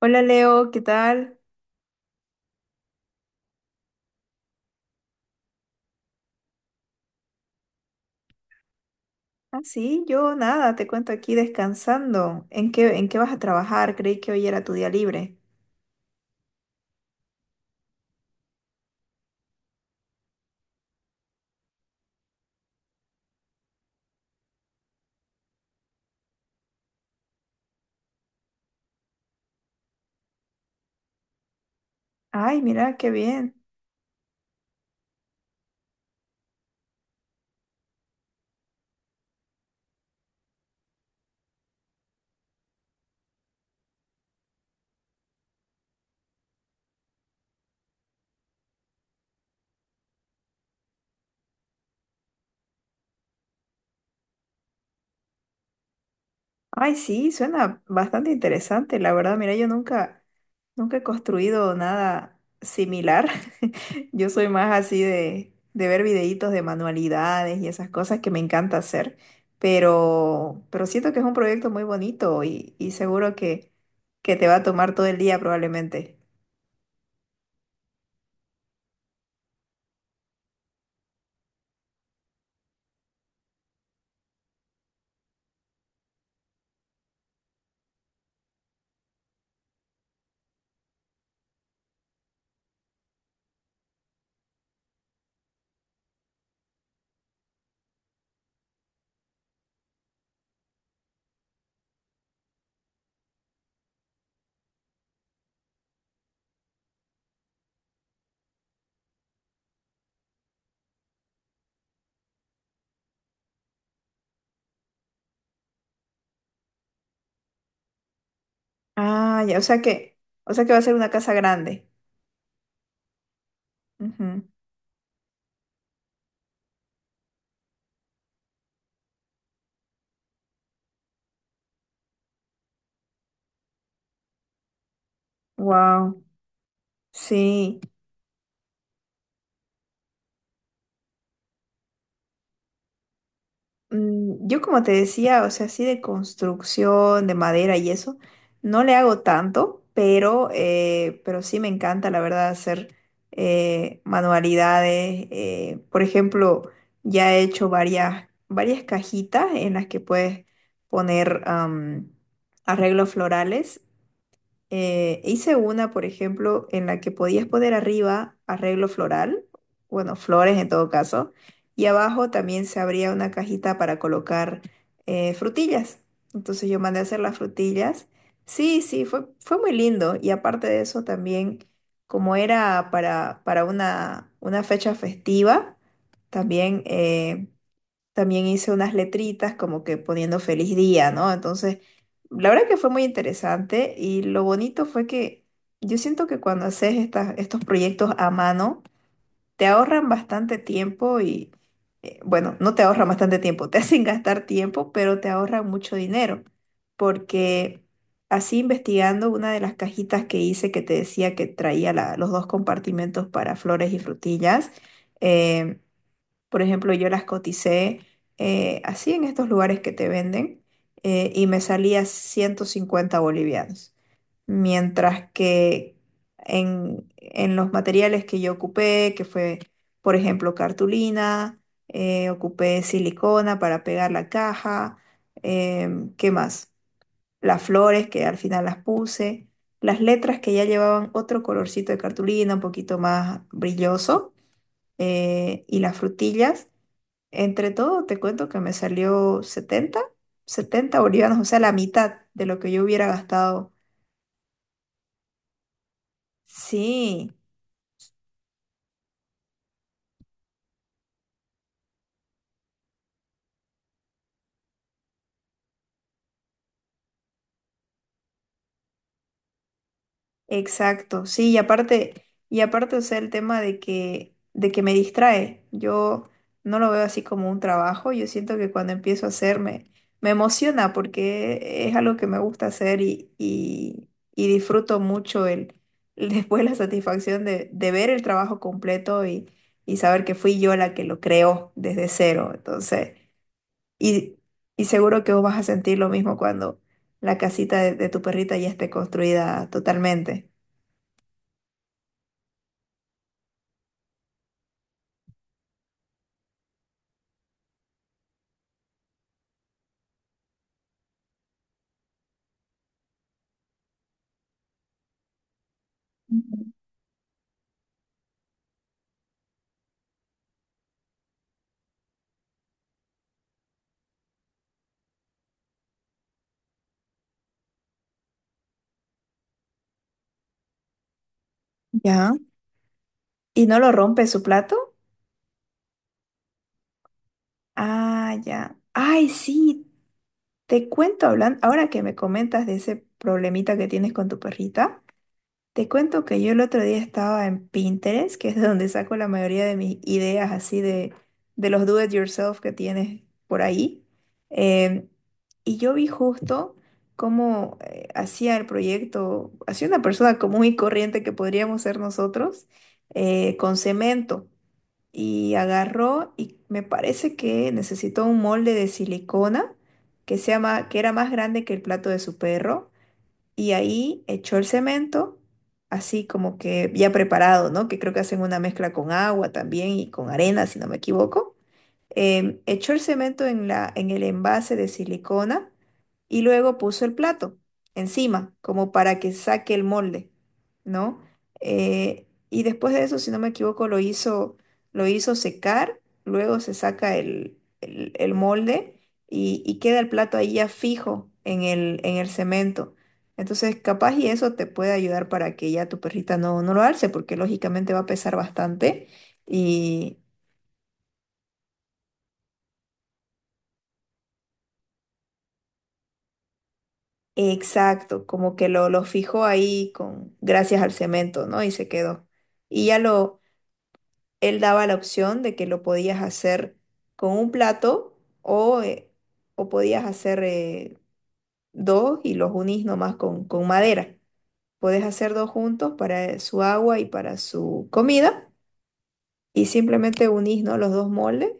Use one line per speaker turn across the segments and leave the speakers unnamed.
Hola Leo, ¿qué tal? Ah, sí, yo nada, te cuento aquí descansando. ¿En qué vas a trabajar? Creí que hoy era tu día libre. Ay, mira, qué bien. Ay, sí, suena bastante interesante, la verdad. Mira, yo nunca, nunca he construido nada similar. Yo soy más así de ver videitos de manualidades y esas cosas que me encanta hacer, pero siento que es un proyecto muy bonito y seguro que te va a tomar todo el día probablemente. Ah, ya, o sea que va a ser una casa grande. Wow, sí. Yo, como te decía, o sea, así de construcción, de madera y eso, no le hago tanto, pero sí me encanta, la verdad, hacer manualidades. Por ejemplo, ya he hecho varias cajitas en las que puedes poner arreglos florales. Hice una, por ejemplo, en la que podías poner arriba arreglo floral, bueno, flores en todo caso, y abajo también se abría una cajita para colocar frutillas. Entonces yo mandé a hacer las frutillas. Sí, sí, fue muy lindo. Y aparte de eso también, como era para una fecha festiva, también eh, también hice unas letritas como que poniendo feliz día, ¿no? Entonces, la verdad que fue muy interesante y lo bonito fue que yo siento que cuando haces estas, estos proyectos a mano, te ahorran bastante tiempo bueno, no te ahorran bastante tiempo, te hacen gastar tiempo, pero te ahorran mucho dinero, porque, así investigando, una de las cajitas que hice, que te decía que traía los dos compartimentos para flores y frutillas, eh, por ejemplo, yo las coticé así en estos lugares que te venden, y me salía 150 bolivianos. Mientras que en los materiales que yo ocupé, que fue, por ejemplo, cartulina, ocupé silicona para pegar la caja, ¿qué más? Las flores que al final las puse, las letras que ya llevaban otro colorcito de cartulina, un poquito más brilloso, y las frutillas. Entre todo, te cuento que me salió setenta bolivianos, o sea, la mitad de lo que yo hubiera gastado. Sí. Exacto, sí, y aparte, o sea, el tema de que me distrae. Yo no lo veo así como un trabajo. Yo siento que cuando empiezo a hacerme, me emociona porque es algo que me gusta hacer y disfruto mucho el después la satisfacción de ver el trabajo completo y saber que fui yo la que lo creó desde cero. Entonces, y, y seguro que vos vas a sentir lo mismo cuando la casita de tu perrita ya esté construida totalmente. Ya. ¿Y no lo rompe su plato? Ah, ya. Ay, sí. Te cuento, hablando, ahora que me comentas de ese problemita que tienes con tu perrita, te cuento que yo el otro día estaba en Pinterest, que es de donde saco la mayoría de mis ideas así de los do it yourself que tienes por ahí. Em, y yo vi justo cómo hacía el proyecto, hacía una persona común y corriente que podríamos ser nosotros, con cemento. Y agarró, y me parece que necesitó un molde de silicona que era más grande que el plato de su perro, y ahí echó el cemento, así como que ya preparado, ¿no? Que creo que hacen una mezcla con agua también y con arena, si no me equivoco. Echó el cemento en la, en el envase de silicona y luego puso el plato encima, como para que saque el molde, ¿no? Y después de eso, si no me equivoco, lo hizo secar, luego se saca el, el molde, y queda el plato ahí ya fijo en el cemento. Entonces, capaz y eso te puede ayudar para que ya tu perrita no lo alce, porque lógicamente va a pesar bastante. Exacto, como que lo fijó ahí con, gracias al cemento, ¿no? Y se quedó. Y ya lo, él daba la opción de que lo podías hacer con un plato o podías hacer dos y los unís nomás con madera. Podés hacer dos juntos para su agua y para su comida y simplemente unís, ¿no?, los dos moldes,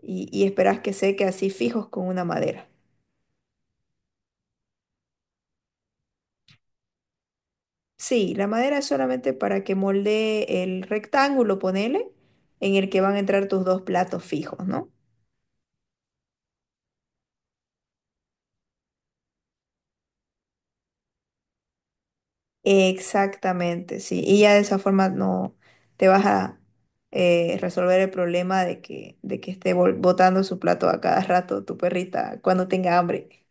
y esperás que seque así fijos con una madera. Sí, la madera es solamente para que moldee el rectángulo, ponele, en el que van a entrar tus dos platos fijos, ¿no? Exactamente, sí. Y ya de esa forma no te vas a, resolver el problema de que esté botando su plato a cada rato tu perrita cuando tenga hambre.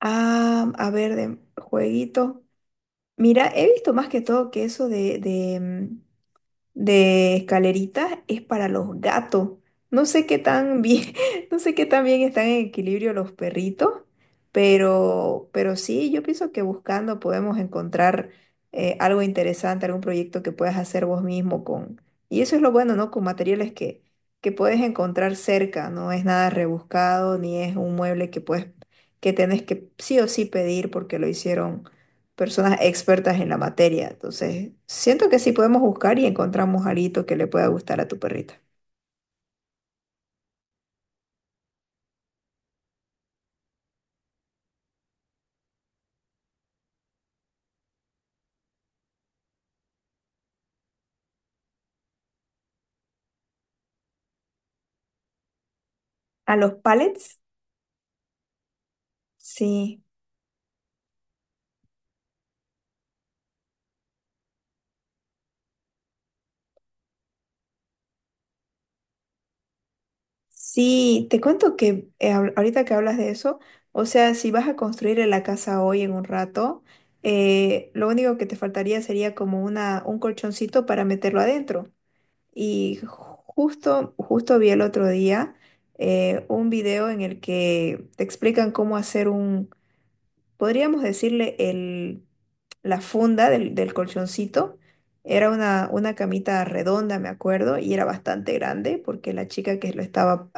Ah, a ver, de jueguito. Mira, he visto más que todo que eso de, de escaleritas es para los gatos. No sé qué tan bien, no sé qué tan bien están en equilibrio los perritos, pero sí, yo pienso que buscando podemos encontrar algo interesante, algún proyecto que puedas hacer vos mismo con... Y eso es lo bueno, ¿no? Con materiales que puedes encontrar cerca, no es nada rebuscado, ni es un mueble que puedes, que tenés que sí o sí pedir porque lo hicieron personas expertas en la materia. Entonces, siento que sí podemos buscar y encontramos algo que le pueda gustar a tu perrita. ¿A los pallets? Sí. Sí, te cuento que ahorita que hablas de eso, o sea, si vas a construir la casa hoy en un rato, lo único que te faltaría sería como una, un colchoncito para meterlo adentro. Y justo, justo vi el otro día un video en el que te explican cómo hacer, podríamos decirle, el, la funda del, del colchoncito. Era una camita redonda, me acuerdo, y era bastante grande porque la chica que lo estaba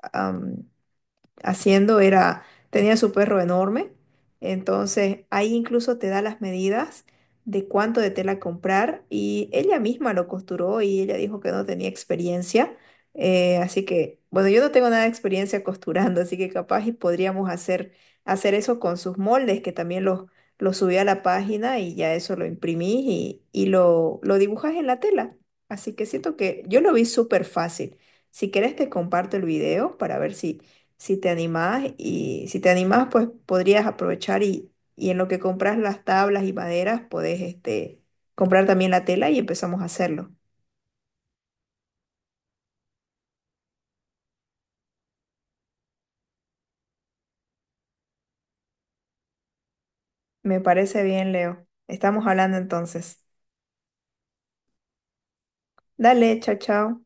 haciendo era, tenía su perro enorme, entonces ahí incluso te da las medidas de cuánto de tela comprar y ella misma lo costuró y ella dijo que no tenía experiencia, así que bueno, yo no tengo nada de experiencia costurando, así que capaz y podríamos hacer, hacer eso con sus moldes, que también los subí a la página, y ya eso lo imprimí y lo dibujas en la tela, así que siento que yo lo vi súper fácil. Si querés te comparto el video para ver si, si te animás, y si te animás, pues podrías aprovechar y en lo que compras las tablas y maderas, podés comprar también la tela y empezamos a hacerlo. Me parece bien, Leo. Estamos hablando, entonces. Dale, chao, chao.